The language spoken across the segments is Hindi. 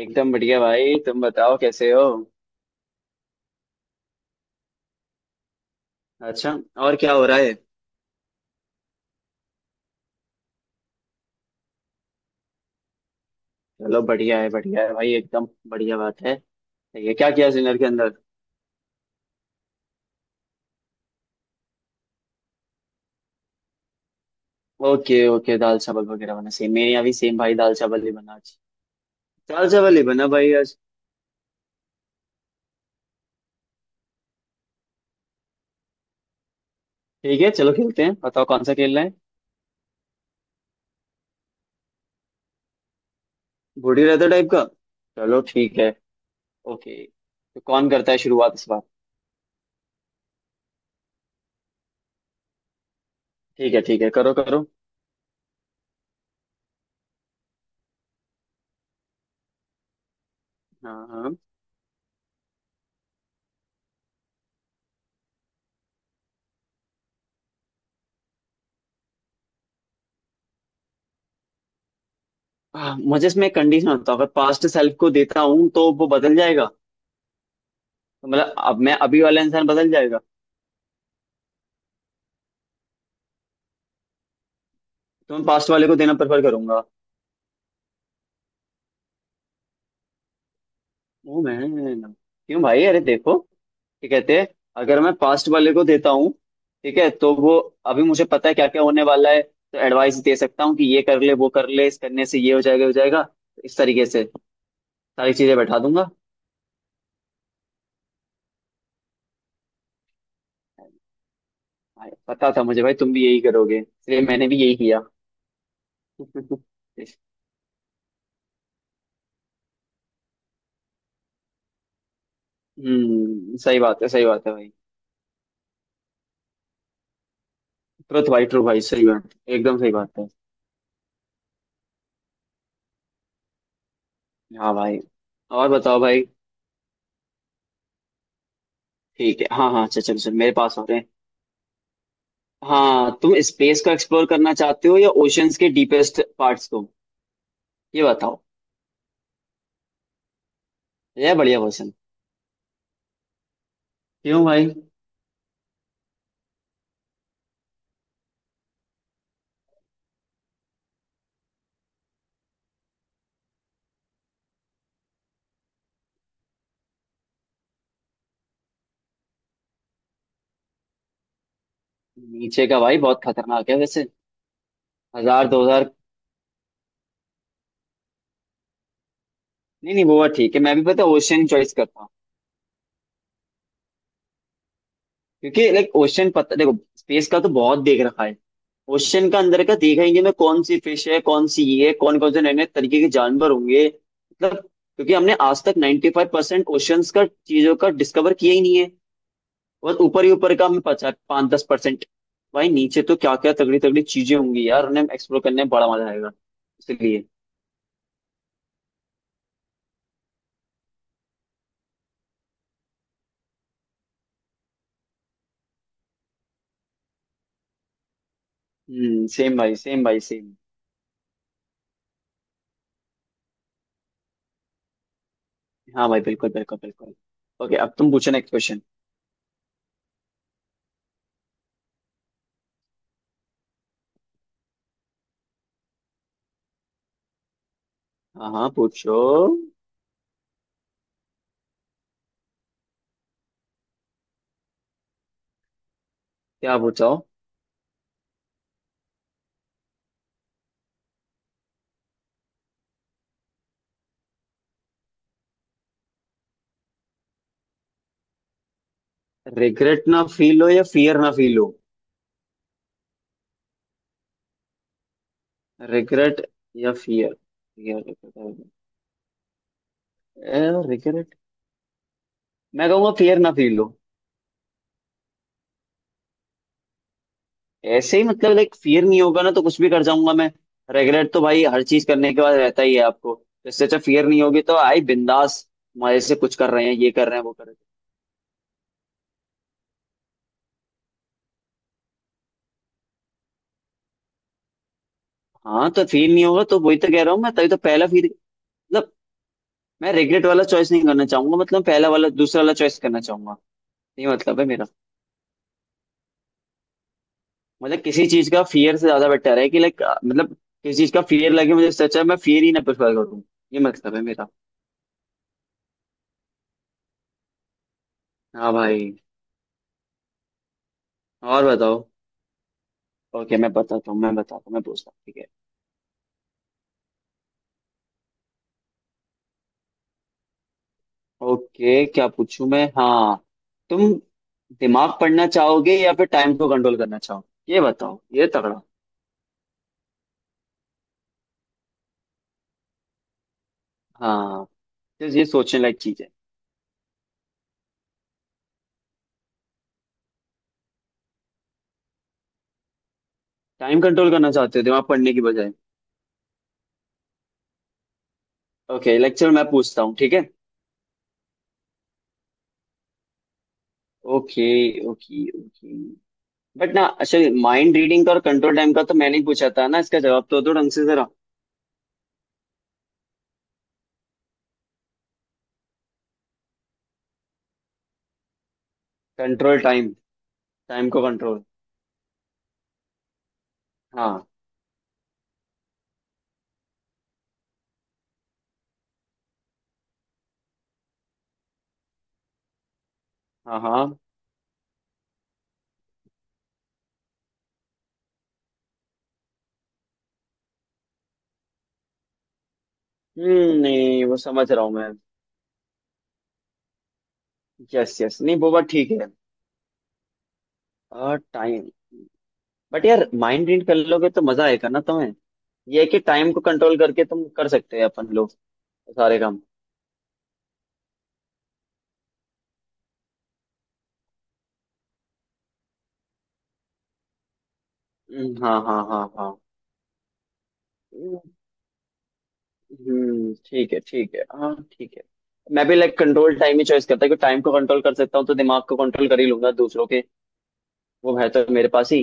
एकदम बढ़िया भाई। तुम बताओ कैसे हो। अच्छा। और क्या हो रहा है। चलो बढ़िया है भाई एकदम बढ़िया बात है। ये क्या किया डिनर के अंदर। ओके ओके दाल चावल वगैरह बना सेम मेरे यहाँ भी सेम भाई दाल चावल ही बना आज। दाल चावल ही बना भाई आज। ठीक है चलो खेलते हैं बताओ कौन सा खेलना है। बूढ़ी रहता टाइप का। चलो ठीक है। ओके तो कौन करता है शुरुआत इस बार। ठीक है करो करो। हाँ हाँ हाँ, मुझे इसमें एक कंडीशन होता है अगर पास्ट सेल्फ को देता हूँ तो वो बदल जाएगा। तो मतलब अब मैं अभी वाला इंसान बदल जाएगा। तो मैं पास्ट वाले को देना प्रेफर करूंगा। ओ मैं क्यों भाई अरे देखो क्या कहते हैं। अगर मैं पास्ट वाले को देता हूँ ठीक है तो वो अभी मुझे पता है क्या क्या होने वाला है तो एडवाइस दे सकता हूँ कि ये कर ले वो कर ले इस करने से ये हो जाएगा हो जाएगा। इस तरीके से सारी चीजें बैठा दूंगा। भाई, पता था मुझे भाई तुम भी यही करोगे इसलिए मैंने भी यही किया। सही बात है भाई। ट्रुथ भाई ट्रू भाई सही बात एकदम सही बात है। हाँ भाई। और बताओ भाई। ठीक है हाँ हाँ चल चल चल मेरे पास आ रहे हैं। हाँ तुम स्पेस को एक्सप्लोर करना चाहते हो या ओशंस के डीपेस्ट पार्ट्स को। ये बताओ। यह बढ़िया क्वेश्चन। क्यों भाई। नीचे का भाई बहुत खतरनाक है वैसे। 1,000 2,000। नहीं नहीं वो बात ठीक है मैं भी पता ओशन चॉइस करता हूँ। क्योंकि लाइक ओशन पता देखो स्पेस का तो बहुत देख रखा है। ओशन का अंदर का देखेंगे ना कौन सी फिश है कौन सी ये है कौन कौन से नए नए तरीके के जानवर होंगे मतलब क्योंकि हमने आज तक 95% फाइव परसेंट ओशंस का चीजों का डिस्कवर किया ही नहीं है। बस ऊपर ही ऊपर का हमें पता 5-10%। भाई नीचे तो क्या क्या तगड़ी तगड़ी चीजें होंगी यार उन्हें एक्सप्लोर करने में बड़ा मजा आएगा। इसलिए सेम भाई सेम भाई सेम। हाँ भाई बिल्कुल बिल्कुल बिल्कुल। ओके अब तुम पूछो नेक्स्ट क्वेश्चन। हाँ हाँ पूछो। क्या पूछो। रिग्रेट ना फील हो या फियर ना फील हो। रिग्रेट या फियर। रिग्रेट। मैं कहूंगा फियर ना फील हो। ऐसे ही मतलब लाइक फियर नहीं होगा ना तो कुछ भी कर जाऊंगा मैं। रेगुलेट तो भाई हर चीज करने के बाद रहता ही है आपको तो इससे अच्छा फियर नहीं होगी तो आई बिंदास मजे से कुछ कर रहे हैं ये कर रहे हैं वो कर रहे हैं। हाँ तो फील नहीं होगा तो वही तो कह रहा हूँ मैं तभी तो पहला फील मतलब मैं रिग्रेट वाला चॉइस नहीं करना चाहूंगा मतलब पहला वाला दूसरा वाला चॉइस करना चाहूंगा। ये मतलब है मेरा। मतलब किसी चीज का फियर से ज्यादा बेटर है कि लाइक मतलब किसी चीज का फियर लगे मुझे इससे अच्छा है मैं फियर ही ना प्रेफर करूँ। ये मतलब है मेरा। हाँ भाई। और बताओ। ओके मैं बताता हूँ मैं पूछता हूँ ठीक है। ओके क्या पूछूं मैं। हाँ तुम दिमाग पढ़ना चाहोगे या फिर टाइम को कंट्रोल करना चाहोगे ये बताओ ये तगड़ा। हाँ तो ये सोचने लायक चीज है। टाइम कंट्रोल करना चाहते हो दिमाग पढ़ने की बजाय। ओके लेक्चर मैं पूछता हूँ ठीक है। Okay okay okay. बट ना अच्छा माइंड रीडिंग का और कंट्रोल टाइम का तो मैंने ही पूछा था ना इसका जवाब तो दो ढंग से जरा। Control time. टाइम को कंट्रोल। हाँ हाँ हाँ। नहीं वो समझ रहा हूँ मैं। यस यस नहीं वो बात ठीक है। और टाइम। बट यार माइंड रीड कर लोगे तो मजा आएगा ना तुम्हें। ये है कि टाइम को कंट्रोल करके तुम कर सकते हैं अपन लोग सारे काम। हाँ हाँ हाँ हाँ। ठीक है हाँ ठीक है। मैं भी लाइक कंट्रोल टाइम ही चॉइस करता हूँ टाइम को कंट्रोल कर सकता हूँ तो दिमाग को कंट्रोल कर ही लूंगा दूसरों के। वो है तो मेरे पास ही।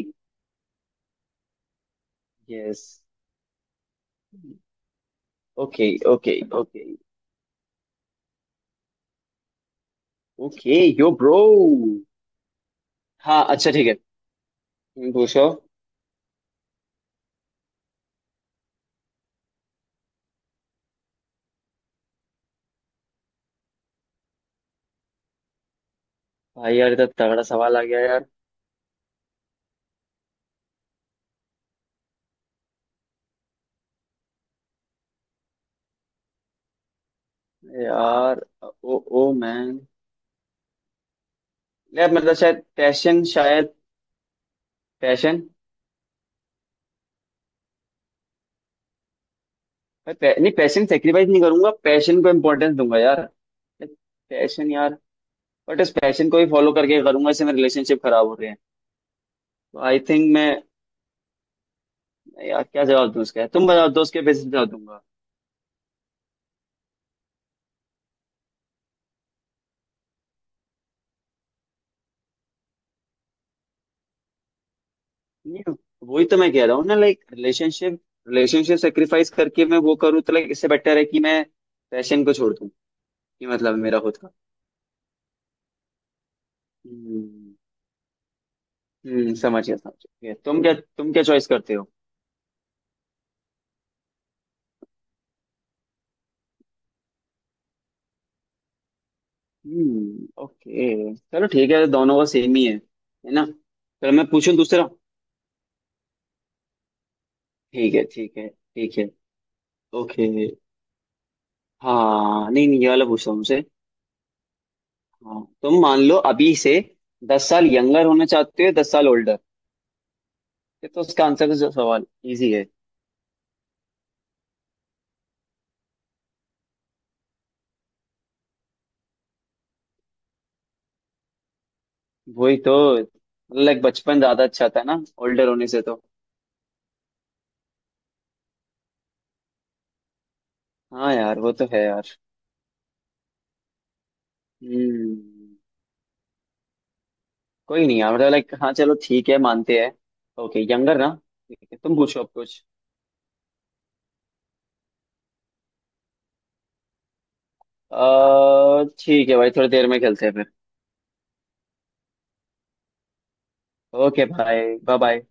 Yes. Okay okay okay. Okay yo bro. हाँ अच्छा ठीक है। पूछो। भाई यार इतना तगड़ा सवाल आ गया यार। यार ओ ओ मैन। यार मतलब शायद पैशन शायद पैशन। नहीं पैशन सेक्रीफाइस नहीं करूंगा पैशन को इम्पोर्टेंस दूंगा यार। पैशन यार। बट इस पैशन को ही फॉलो करके करूंगा इससे मेरे रिलेशनशिप खराब हो रहे हैं तो आई थिंक मैं यार क्या जवाब दूं उसका तुम बताओ दोस्त के बेसिस पे जवाब दूंगा। नहीं वही तो मैं कह रहा हूँ ना लाइक रिलेशनशिप रिलेशनशिप सेक्रीफाइस करके मैं वो करूँ तो लाइक इससे बेटर है कि मैं पैशन को छोड़ दूं कि मतलब मेरा खुद का। हम्म। समझ गया तुम क्या चॉइस करते हो। ओके चलो ठीक है दोनों का सेम ही है ना चलो मैं पूछूं दूसरा। ठीक है ठीक है ठीक है। ओके। हाँ नहीं नहीं ये वाला पूछता हूँ उसे। हाँ तुम मान लो अभी से 10 साल यंगर होना चाहते हो 10 साल ओल्डर। ये तो उसका आंसर का जो सवाल इजी है। वही तो लाइक बचपन ज्यादा अच्छा था ना ओल्डर होने से तो। हाँ यार वो तो है यार। हम्म। कोई नहीं यार मतलब लाइक हाँ चलो ठीक है मानते हैं। ओके यंगर ना। ठीक है तुम पूछो अब कुछ। ठीक है भाई थोड़ी देर में खेलते हैं फिर। ओके भाई बाय बाय।